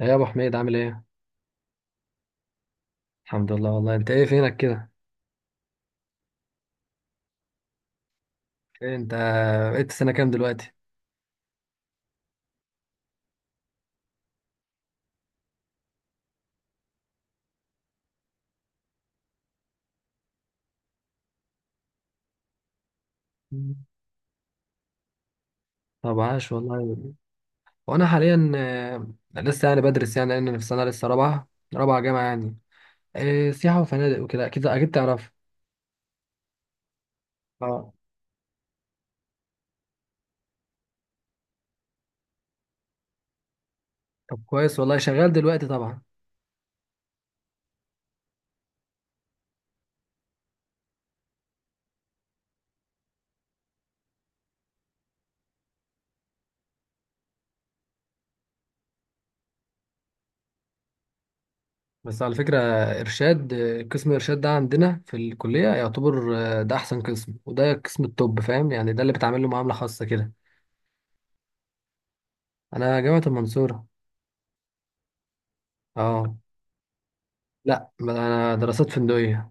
ايه يا ابو حميد، عامل ايه؟ الحمد لله والله، انت ايه فينك كده؟ إيه انت؟ بقيت سنه كام دلوقتي؟ مم. طب عاش والله. وانا حاليا لسه يعني بدرس، يعني لان في سنه لسه رابعه. رابعه جامعه يعني. إيه، سياحه وفنادق وكده، اكيد اكيد تعرف. اه. طب كويس والله، شغال دلوقتي طبعا. بس على فكره، ارشاد، قسم ارشاد ده عندنا في الكليه يعتبر، ده احسن قسم، وده قسم التوب، فاهم يعني، ده اللي بتعمل له معامله خاصه كده. انا جامعه المنصوره. اه. لا، انا دراسات فندقيه.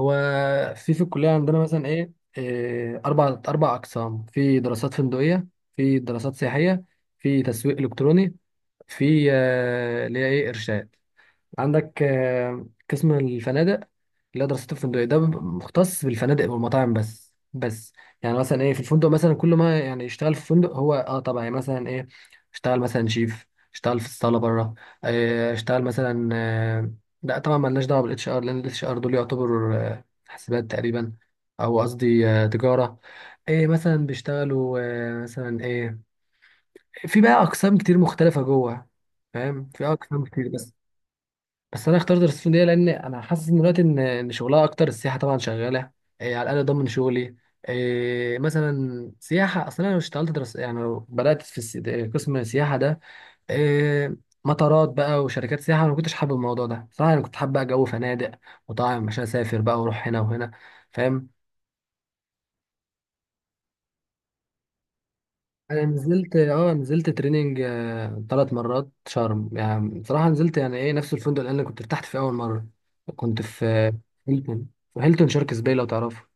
هو في الكلية عندنا مثلا إيه إيه، أربع أقسام في دراسات فندقية. في دراسات سياحية. في تسويق إلكتروني. في اللي هي إرشاد. عندك قسم الفنادق، اللي هو دراسته الفندقية، ده بيبقى مختص بالفنادق والمطاعم بس. يعني مثلا ايه، في الفندق مثلا كل ما يعني يشتغل في فندق هو، طبعا، يعني مثلا ايه، اشتغل مثلا شيف، اشتغل في الصالة بره، اه، اشتغل مثلا لا طبعا مالناش دعوة بالاتش ار، لان الاتش ار دول يعتبروا حاسبات تقريبا. او قصدي تجارة. ايه مثلا بيشتغلوا مثلا ايه. في بقى اقسام كتير مختلفة جوه، فاهم، في اقسام كتير. بس بس انا اخترت السعوديه، لان انا حاسس ان دلوقتي ان شغلها اكتر، السياحه طبعا شغاله. إيه، على الاقل ضمن شغلي. إيه، مثلا سياحه، اصلا انا لو اشتغلت درس، يعني لو بدات في قسم السياحه ده. إيه، مطارات بقى وشركات سياحه، انا ما كنتش حابب الموضوع ده صراحه، انا كنت حابب بقى جو فنادق. وطبعا مش هسافر بقى واروح هنا وهنا، فاهم. انا نزلت تريننج، 3 مرات شرم، يعني بصراحه نزلت يعني ايه نفس الفندق اللي انا كنت ارتحت فيه اول مره. كنت في هيلتون. في هيلتون شاركس باي لو تعرفه.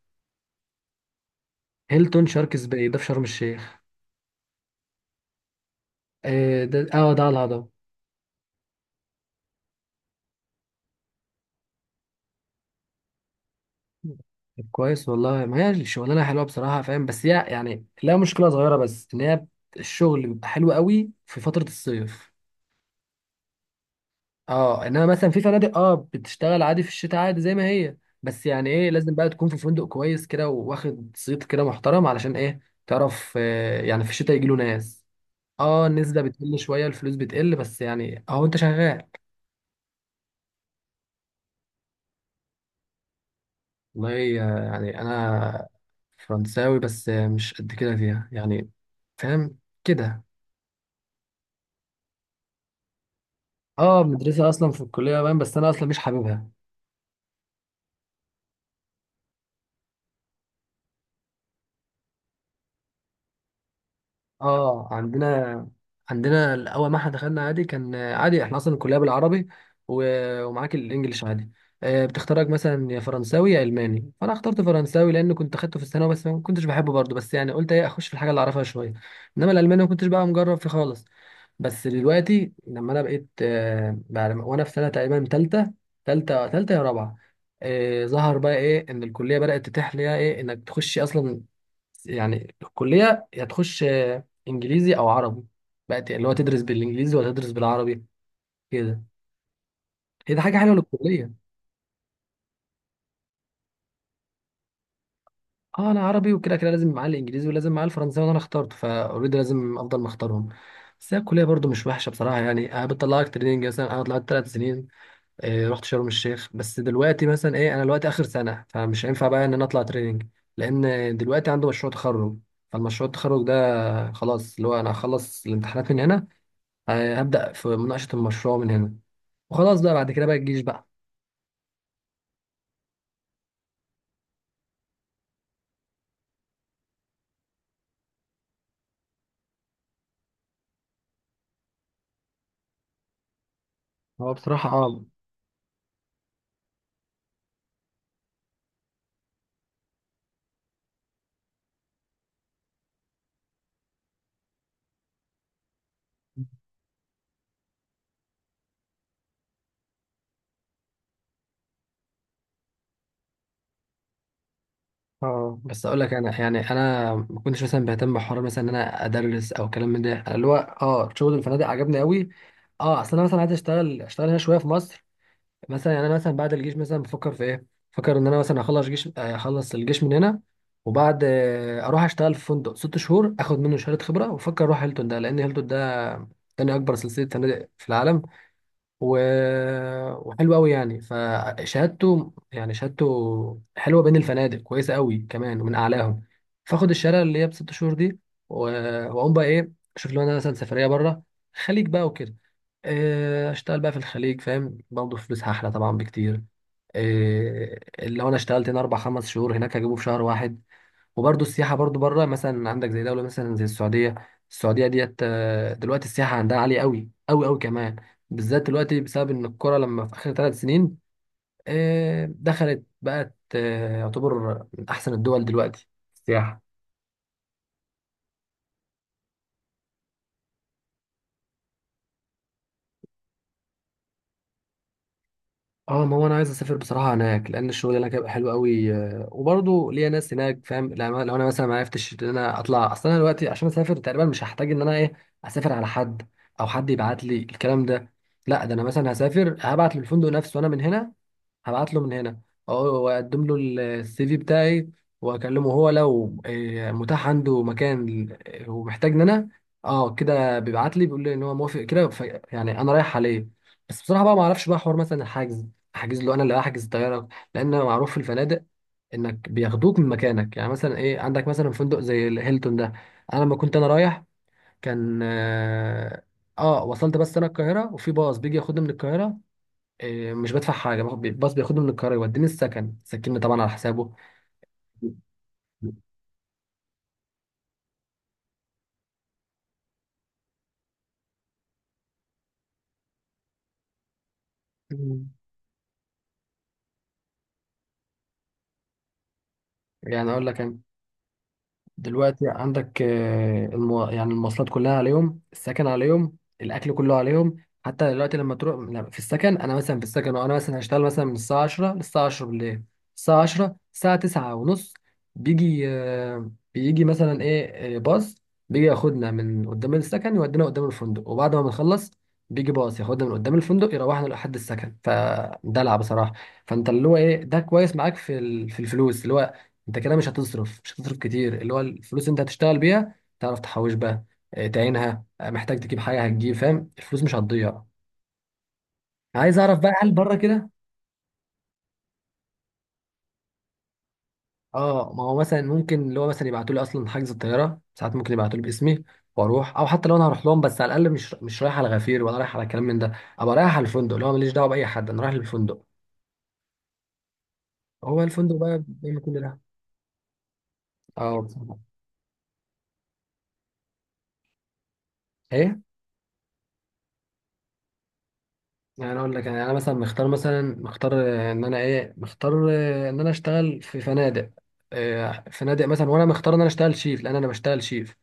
هيلتون شاركس باي ده في شرم الشيخ. ده على الهضبه. طب كويس والله، ما هي الشغلانه حلوه بصراحه، فاهم، بس هي يعني لها مشكله صغيره، بس ان هي الشغل بيبقى حلو قوي في فتره الصيف. اه انما مثلا في فنادق بتشتغل عادي في الشتاء، عادي زي ما هي. بس يعني ايه، لازم بقى تكون في فندق كويس كده واخد صيت كده محترم علشان ايه، تعرف، يعني في الشتاء يجيله ناس. اه النسبة بتقل شوية، الفلوس بتقل، بس يعني اهو انت شغال. والله، يعني انا فرنساوي، بس مش قد كده فيها يعني، فاهم، كده. اه مدرسة اصلا في الكلية باين، بس انا اصلا مش حاببها. اه عندنا عندنا اول ما احنا دخلنا عادي، كان عادي احنا اصلا الكليه بالعربي، ومعاك الانجليش عادي. بتختارك مثلا يا فرنساوي يا الماني، فانا اخترت فرنساوي لان كنت اخدته في الثانوي، بس ما كنتش بحبه برضه، بس يعني قلت ايه اخش في الحاجه اللي اعرفها شويه. انما الالماني ما كنتش بقى مجرب فيه خالص. بس دلوقتي لما انا بقيت بعد ما- وانا في سنه تقريبا ثالثه، ثالثه يا رابعه، ظهر بقى ايه، ان الكليه بدات تتيح ليها ايه انك تخش اصلا. يعني الكلية يا تخش إنجليزي أو عربي. بقت اللي هو تدرس بالإنجليزي ولا تدرس بالعربي، كده. هي دي حاجة حلوة للكلية. اه انا عربي، وكده كده لازم معاه الانجليزي، ولازم معاه الفرنساوي، وانا اخترته فاوريدي لازم افضل مختارهم. بس هي الكليه برضو مش وحشه بصراحه، يعني انا بتطلعك تريننج، مثلا انا طلعت 3 سنين. رحت شرم الشيخ، بس دلوقتي مثلا ايه، انا دلوقتي اخر سنه، فمش هينفع بقى ان انا اطلع تريننج، لان دلوقتي عنده مشروع تخرج. فالمشروع التخرج ده، خلاص اللي هو انا هخلص الامتحانات من هنا، هبدأ في مناقشة المشروع من هنا، وخلاص بقى بعد كده بقى الجيش بقى. هو بصراحة، اه بس اقول لك، انا يعني انا ما كنتش مثلا بهتم بحوار مثلا ان انا ادرس او كلام من ده، أنا اللي هو شغل الفنادق عجبني قوي. اه اصل انا مثلا عايز اشتغل هنا شويه في مصر، مثلا يعني انا مثلا بعد الجيش مثلا بفكر في ايه. بفكر ان انا مثلا اخلص جيش، اخلص الجيش من هنا، وبعد اروح اشتغل في فندق 6 شهور، اخد منه شهاده خبره، وافكر اروح هيلتون ده، لان هيلتون ده تاني اكبر سلسله فنادق في العالم، و... وحلو قوي يعني، فشهادته يعني شهادته حلوه بين الفنادق، كويسه قوي كمان ومن اعلاهم. فاخد الشهاده اللي هي ب6 شهور دي، و... واقوم بقى ايه، اشوف لو انا مثلا سفريه بره، خليج بقى وكده، اشتغل بقى في الخليج، فاهم، برضه فلوسها احلى طبعا بكتير. إيه، لو انا اشتغلت هنا 4 5 شهور، هناك هجيبه في شهر واحد. وبرضه السياحة برضه بره، مثلا عندك زي دولة مثلا زي السعودية. السعودية ديت، دلوقتي السياحة عندها عالية قوي قوي قوي كمان، بالذات دلوقتي بسبب إن الكرة لما في آخر 3 سنين دخلت، بقت يعتبر من أحسن الدول دلوقتي في السياحة. اه ما هو انا عايز اسافر بصراحه هناك، لان الشغل هناك هيبقى حلو قوي، وبرضه ليا ناس هناك، فاهم، لو انا مثلا ما عرفتش ان انا اطلع اصلا، انا دلوقتي عشان اسافر تقريبا مش هحتاج ان انا ايه، اسافر على حد او حد يبعت لي الكلام ده. لا، ده انا مثلا هسافر، هبعت للفندق نفسه وانا من هنا، هبعت له من هنا. اه واقدم له السي في بتاعي، واكلمه، هو لو متاح عنده مكان ومحتاجني انا، اه كده بيبعت لي بيقول لي ان هو موافق كده، يعني انا رايح عليه. بس بصراحه بقى ما اعرفش بقى حوار مثلا الحجز، احجز له، انا اللي احجز الطياره. لان معروف في الفنادق انك بياخدوك من مكانك، يعني مثلا ايه عندك مثلا فندق زي الهيلتون ده. انا لما كنت انا رايح، كان اه آه، وصلت بس انا القاهره، وفي باص بيجي ياخدني من القاهره، إيه، مش بدفع حاجه، باخد الباص بياخدني من القاهره يوديني السكن، سكنني طبعا على حسابه. مم. يعني اقول لك، دلوقتي عندك يعني المواصلات كلها عليهم، السكن عليهم، الاكل كله عليهم. حتى دلوقتي لما تروح، لا، في السكن، انا مثلا في السكن وانا مثلا هشتغل مثلا من الساعه 10 للساعه 10 بالليل. الساعه 10، الساعه 9 ونص بيجي مثلا ايه باص، بيجي ياخدنا من قدام السكن يودينا قدام الفندق، وبعد ما بنخلص بيجي باص ياخدنا من قدام الفندق يروحنا لحد السكن، فدلع بصراحه. فانت اللي هو ايه، ده كويس معاك في في الفلوس، اللي هو انت كده مش هتصرف كتير، اللي هو الفلوس اللي انت هتشتغل بيها تعرف تحوش بقى، تعينها، محتاج تجيب حاجه هتجيب، فاهم، الفلوس مش هتضيع. عايز اعرف بقى هل بره كده. اه ما هو مثلا ممكن اللي هو مثلا يبعتوا لي اصلا حجز الطياره، ساعات ممكن يبعتوا لي باسمي واروح، او حتى لو انا هروح لهم، بس على الاقل مش رايح على غفير، ولا رايح على كلام من ده. ابقى رايح على الفندق اللي هو ماليش دعوه باي حد، انا رايح للفندق. هو الفندق بقى بيعمل كل ده. اه بصراحة. ايه. يعني اقول لك، يعني انا مثلا مختار، مثلا مختار، ان انا ايه مختار، ان انا اشتغل في فنادق، فنادق مثلا. وانا مختار ان انا اشتغل شيف، لان انا بشتغل شيف.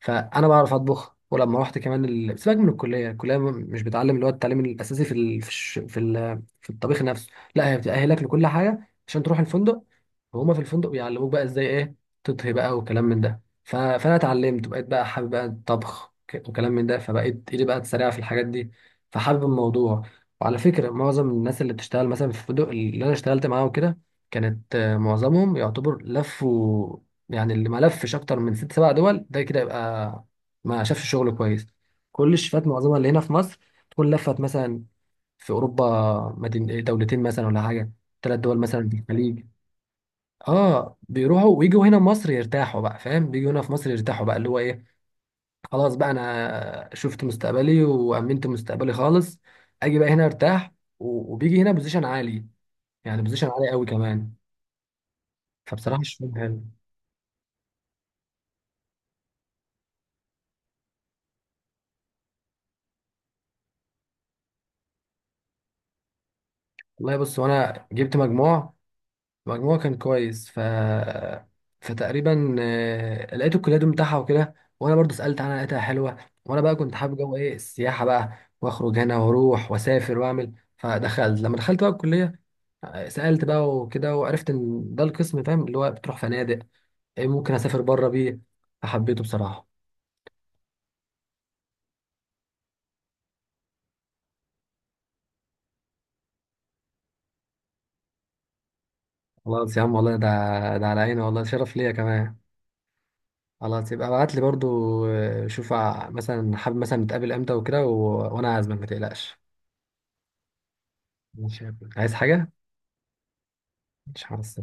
فانا بعرف اطبخ. ولما رحت كمان سيبك من الكليه مش بتعلم اللي هو التعليم الاساسي في في في، في الطبيخ نفسه. لا، هي بتاهلك لكل حاجه عشان تروح الفندق، وهما في الفندق بيعلموك بقى ازاي ايه تطهي بقى وكلام من ده. فانا اتعلمت، وبقيت بقى حابب بقى الطبخ وكلام من ده، فبقيت ايدي بقى سريعه في الحاجات دي، فحابب الموضوع. وعلى فكره، معظم الناس اللي بتشتغل مثلا في الفندق اللي انا اشتغلت معاهم كده كانت، معظمهم يعتبر لفوا. يعني اللي ما لفش اكتر من 6 7 دول ده كده يبقى ما شافش شغل كويس. كل الشيفات معظمها اللي هنا في مصر تكون لفت مثلا في اوروبا، مدين دولتين مثلا ولا حاجه، 3 دول مثلا في الخليج. اه بيروحوا ويجوا هنا مصر يرتاحوا بقى، فاهم، بيجوا هنا في مصر يرتاحوا بقى، اللي هو ايه، خلاص بقى انا شفت مستقبلي وامنت مستقبلي خالص، اجي بقى هنا ارتاح. وبيجي هنا بوزيشن عالي، يعني بوزيشن عالي قوي كمان، فبصراحه مش فاهم. والله بص، وانا جبت مجموعه كان كويس، فتقريبا لقيت الكليه بتاعها وكده، وانا برضو سالت عنها لقيتها حلوه. وانا بقى كنت حابب جو ايه السياحه بقى، واخرج هنا واروح واسافر واعمل، فدخلت لما دخلت بقى الكليه، سالت بقى وكده، وعرفت ان ده القسم، فاهم، اللي هو بتروح فنادق. إيه ممكن اسافر بره بيه، فحبيته بصراحه. خلاص يا عم والله، ده على عيني والله، شرف ليا كمان. خلاص، يبقى ابعت لي برضو شوف مثلا حابب مثلا نتقابل امتى وكده وانا عازمك ما تقلقش. مش عايز حاجة. مش حاسس